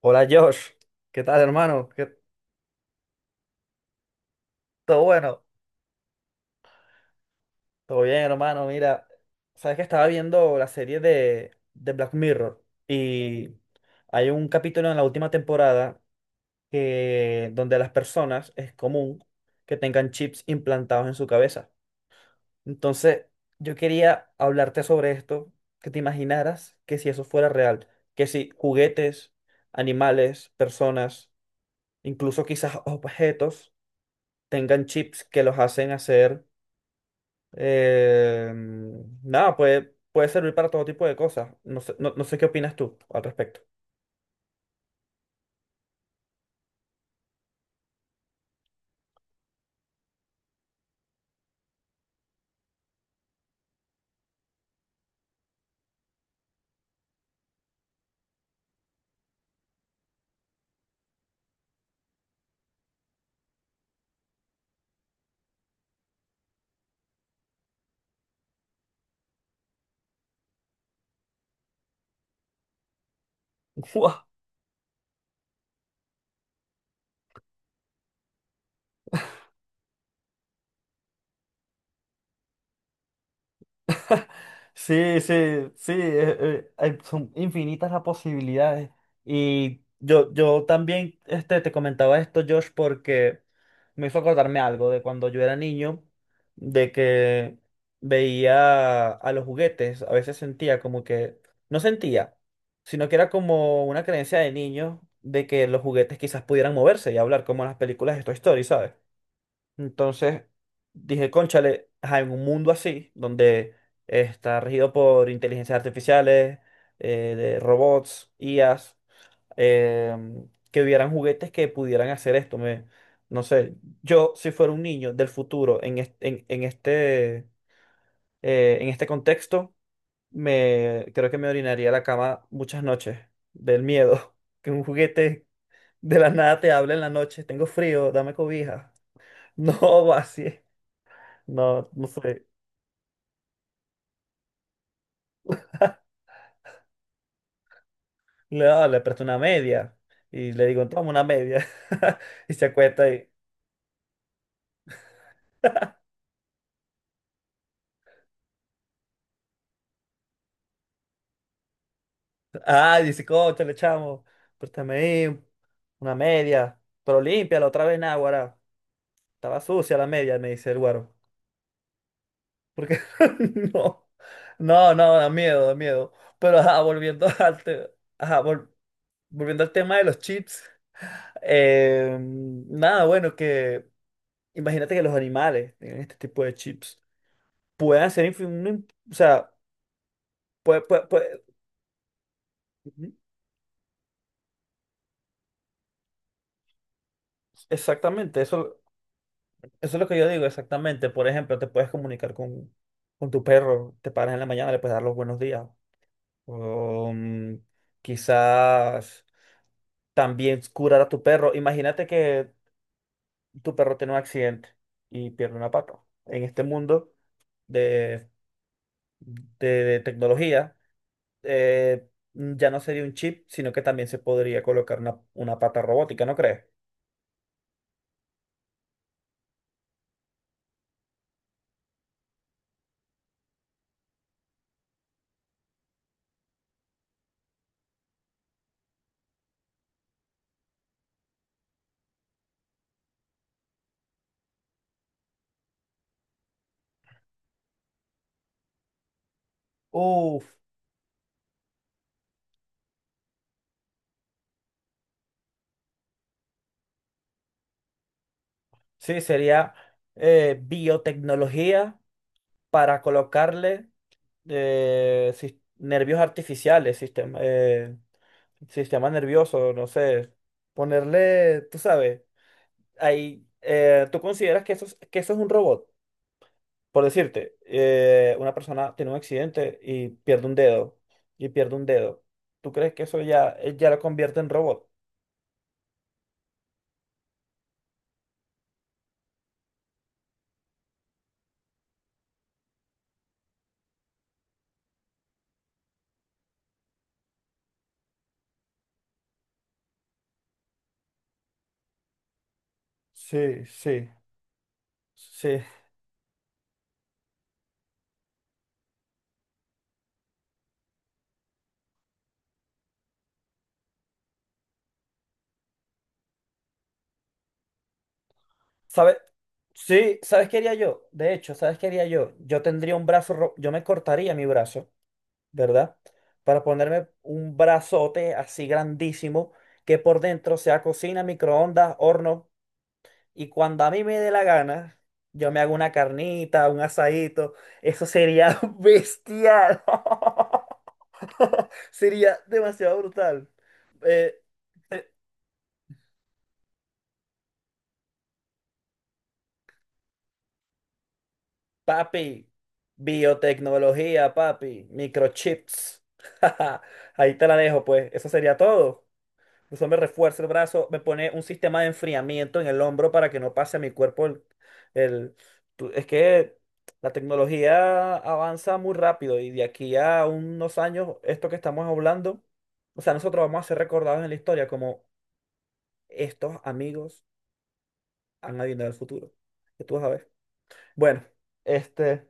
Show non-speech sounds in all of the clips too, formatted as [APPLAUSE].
Hola Josh, ¿qué tal hermano? ¿Qué- ¿Todo bueno? Todo bien hermano, mira, sabes que estaba viendo la serie de Black Mirror y hay un capítulo en la última temporada que donde a las personas es común que tengan chips implantados en su cabeza. Entonces, yo quería hablarte sobre esto, que te imaginaras que si eso fuera real, que si juguetes, animales, personas, incluso quizás objetos tengan chips que los hacen hacer. Eh, Nada, puede servir para todo tipo de cosas. No sé, no sé qué opinas tú al respecto. [LAUGHS] Sí, sí, sí, hay- son infinitas las posibilidades. Y yo también este, te comentaba esto, Josh, porque me hizo acordarme algo de cuando yo era niño, de que veía a los juguetes, a veces sentía como que, no sentía, sino que era como una creencia de niño de que los juguetes quizás pudieran moverse y hablar como en las películas de Toy Story, ¿sabes? Entonces dije, cónchale, ajá, en un mundo así, donde está regido por inteligencias artificiales, de robots, IAs, que hubieran juguetes que pudieran hacer esto. Me, no sé, yo si fuera un niño del futuro en, en este contexto, me, creo que me orinaría a la cama muchas noches del miedo [LAUGHS] que un juguete de la nada te hable en la noche, tengo frío, dame cobija. [LAUGHS] No, así. No, no sé. Le, ah, le presto una media. Y le digo, toma una media. [LAUGHS] Y se acuesta y. Ah, dice, coche, le chamo préstame ahí una media. Pero límpiala otra vez, náguara. Estaba sucia la media, me dice el guaro. Porque [LAUGHS] no. No, no, da miedo, da miedo. Pero ajá, volviendo [LAUGHS] ajá, volviendo al tema de los chips. Eh, nada, bueno, que. Imagínate que los animales tienen este tipo de chips. Puedan hacer o sea, puede, puede- puede- ujú, exactamente, eso es lo que yo digo, exactamente. Por ejemplo, te puedes comunicar con tu perro, te paras en la mañana, le puedes dar los buenos días. O, mm, quizás también curar a tu perro. Imagínate que tu perro tiene un accidente y pierde una pata. En este mundo de tecnología, eh, ya no sería un chip, sino que también se podría colocar una pata robótica, ¿no crees? Uf, sí, sería biotecnología para colocarle nervios artificiales, sistema, sistema nervioso, no sé, ponerle, tú sabes, ahí, ¿tú consideras que eso, que eso es un robot? Por decirte, una persona tiene un accidente y pierde un dedo, y pierde un dedo. ¿Tú crees que eso ya, ya lo convierte en robot? Sí, sí. Sí. ¿Sabes? Sí, ¿sabes qué haría yo? De hecho, ¿sabes qué haría yo? Yo tendría un brazo, yo me cortaría mi brazo, ¿verdad? Para ponerme un brazote así grandísimo que por dentro sea cocina, microondas, horno. Y cuando a mí me dé la gana, yo me hago una carnita, un asadito. Eso sería [LAUGHS] bestial. [LAUGHS] Sería demasiado brutal. Eh, eh, papi, biotecnología, papi, microchips. [LAUGHS] Ahí te la dejo, pues. Eso sería todo. Incluso me refuerza el brazo, me pone un sistema de enfriamiento en el hombro para que no pase a mi cuerpo el, el- es que la tecnología avanza muy rápido y de aquí a unos años, esto que estamos hablando, o sea, nosotros vamos a ser recordados en la historia como estos amigos han adivinado el futuro. Que tú vas a ver. Bueno, este...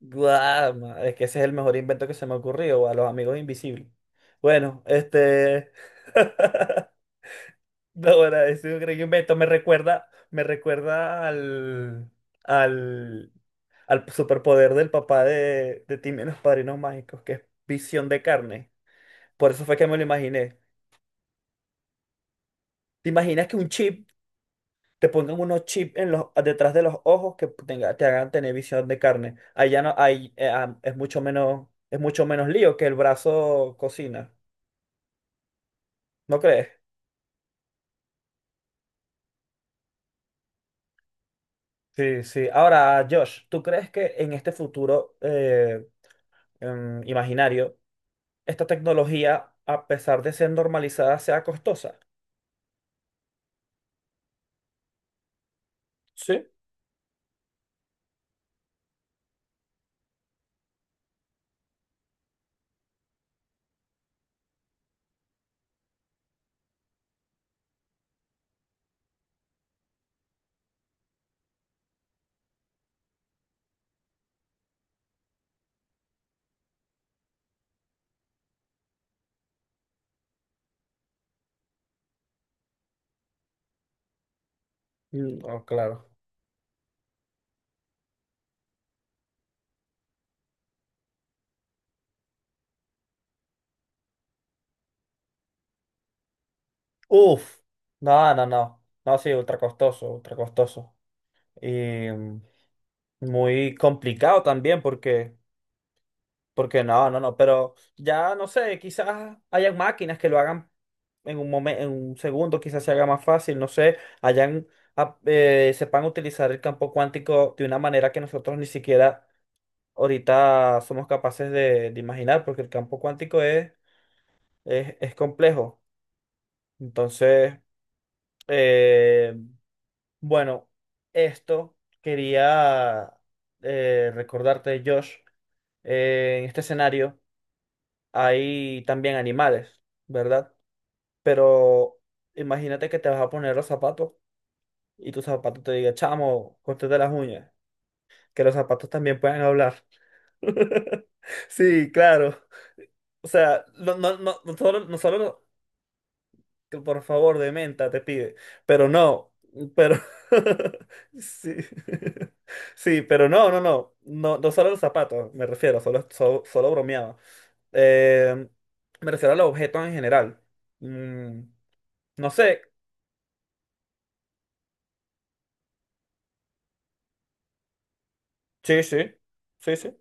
Guau, ma- es que ese es el mejor invento que se me ha ocurrido, a los amigos invisibles. Bueno, este... [LAUGHS] No, ahora, ese gran invento me recuerda al, al, al superpoder del papá de Timmy en los Padrinos Mágicos, que es visión de carne. Por eso fue que me lo imaginé. ¿Te imaginas que un chip, te pongan unos chips en los, detrás de los ojos que te hagan tener visión de carne? Ahí ya no, ahí es mucho menos lío que el brazo cocina. ¿No crees? Sí, sí. Ahora, Josh, ¿tú crees que en este futuro imaginario esta tecnología, a pesar de ser normalizada, sea costosa? Sí. Mm, oh, claro. Uf, no, no, no. No, sí, ultra costoso, ultra costoso. Y mm, muy complicado también porque, porque no, no, no, pero ya no sé, quizás hayan máquinas que lo hagan en un momento, en un segundo, quizás se haga más fácil, no sé, hayan, sepan utilizar el campo cuántico de una manera que nosotros ni siquiera ahorita somos capaces de imaginar, porque el campo cuántico es complejo. Entonces, eh, bueno, esto quería recordarte, Josh, en este escenario hay también animales, ¿verdad? Pero imagínate que te vas a poner los zapatos y tu zapato te diga, chamo, córtate las uñas, que los zapatos también pueden hablar. [LAUGHS] Sí, claro. O sea, no, no, no, no solo que por favor, de menta, te pide. Pero no, pero... [LAUGHS] Sí. [LAUGHS] Sí, pero no, no, no, no, no solo los zapatos, me refiero, solo, solo, solo bromeaba. Eh, me refiero a los objetos en general. Mm, no sé, sí, sí, sí, sí,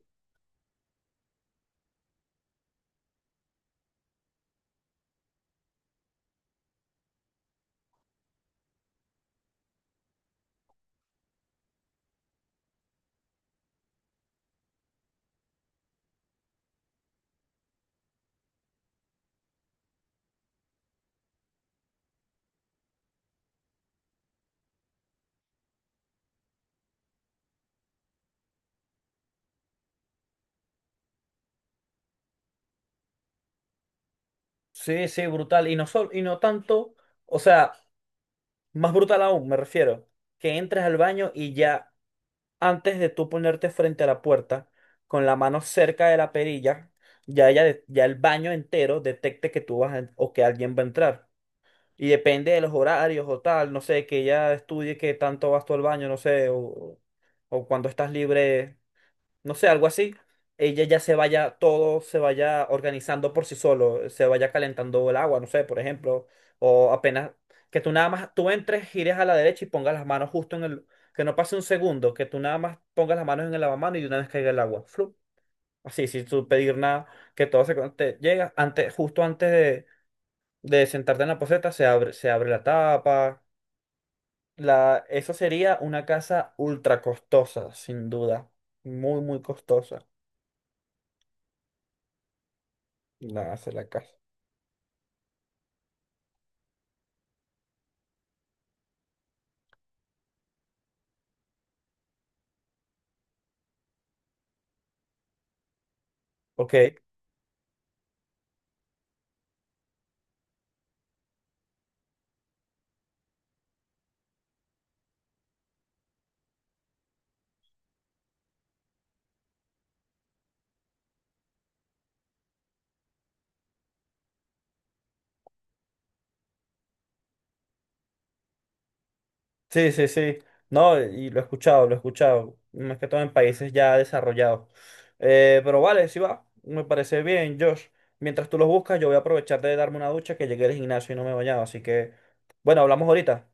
sí, sí, brutal, y no, sol, y no tanto, o sea, más brutal aún, me refiero, que entres al baño y ya antes de tú ponerte frente a la puerta, con la mano cerca de la perilla, ya, ya el baño entero detecte que tú vas a o que alguien va a entrar. Y depende de los horarios o tal, no sé, que ella estudie qué tanto vas tú al baño, no sé, o cuando estás libre no sé, algo así, ella ya se vaya, todo se vaya organizando por sí solo, se vaya calentando el agua, no sé, por ejemplo, o apenas que tú nada más, tú entres, gires a la derecha y pongas las manos justo en el, que no pase un segundo, que tú nada más pongas las manos en el lavamanos y de una vez caiga el agua, flup. Así, sin tú pedir nada, que todo te llega, antes, justo antes de sentarte en la poceta, se abre la tapa. La, eso sería una casa ultra costosa, sin duda. Muy, muy costosa. Nada, se la casa. Ok, sí, sí, sí. No, y lo he escuchado, lo he escuchado. Más que todo en países ya desarrollados. Pero vale, sí va. Me parece bien, Josh. Mientras tú los buscas, yo voy a aprovechar de darme una ducha que llegué al gimnasio y no me he bañado. Así que, bueno, hablamos ahorita.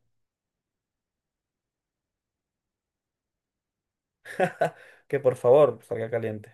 [LAUGHS] Que por favor salga caliente.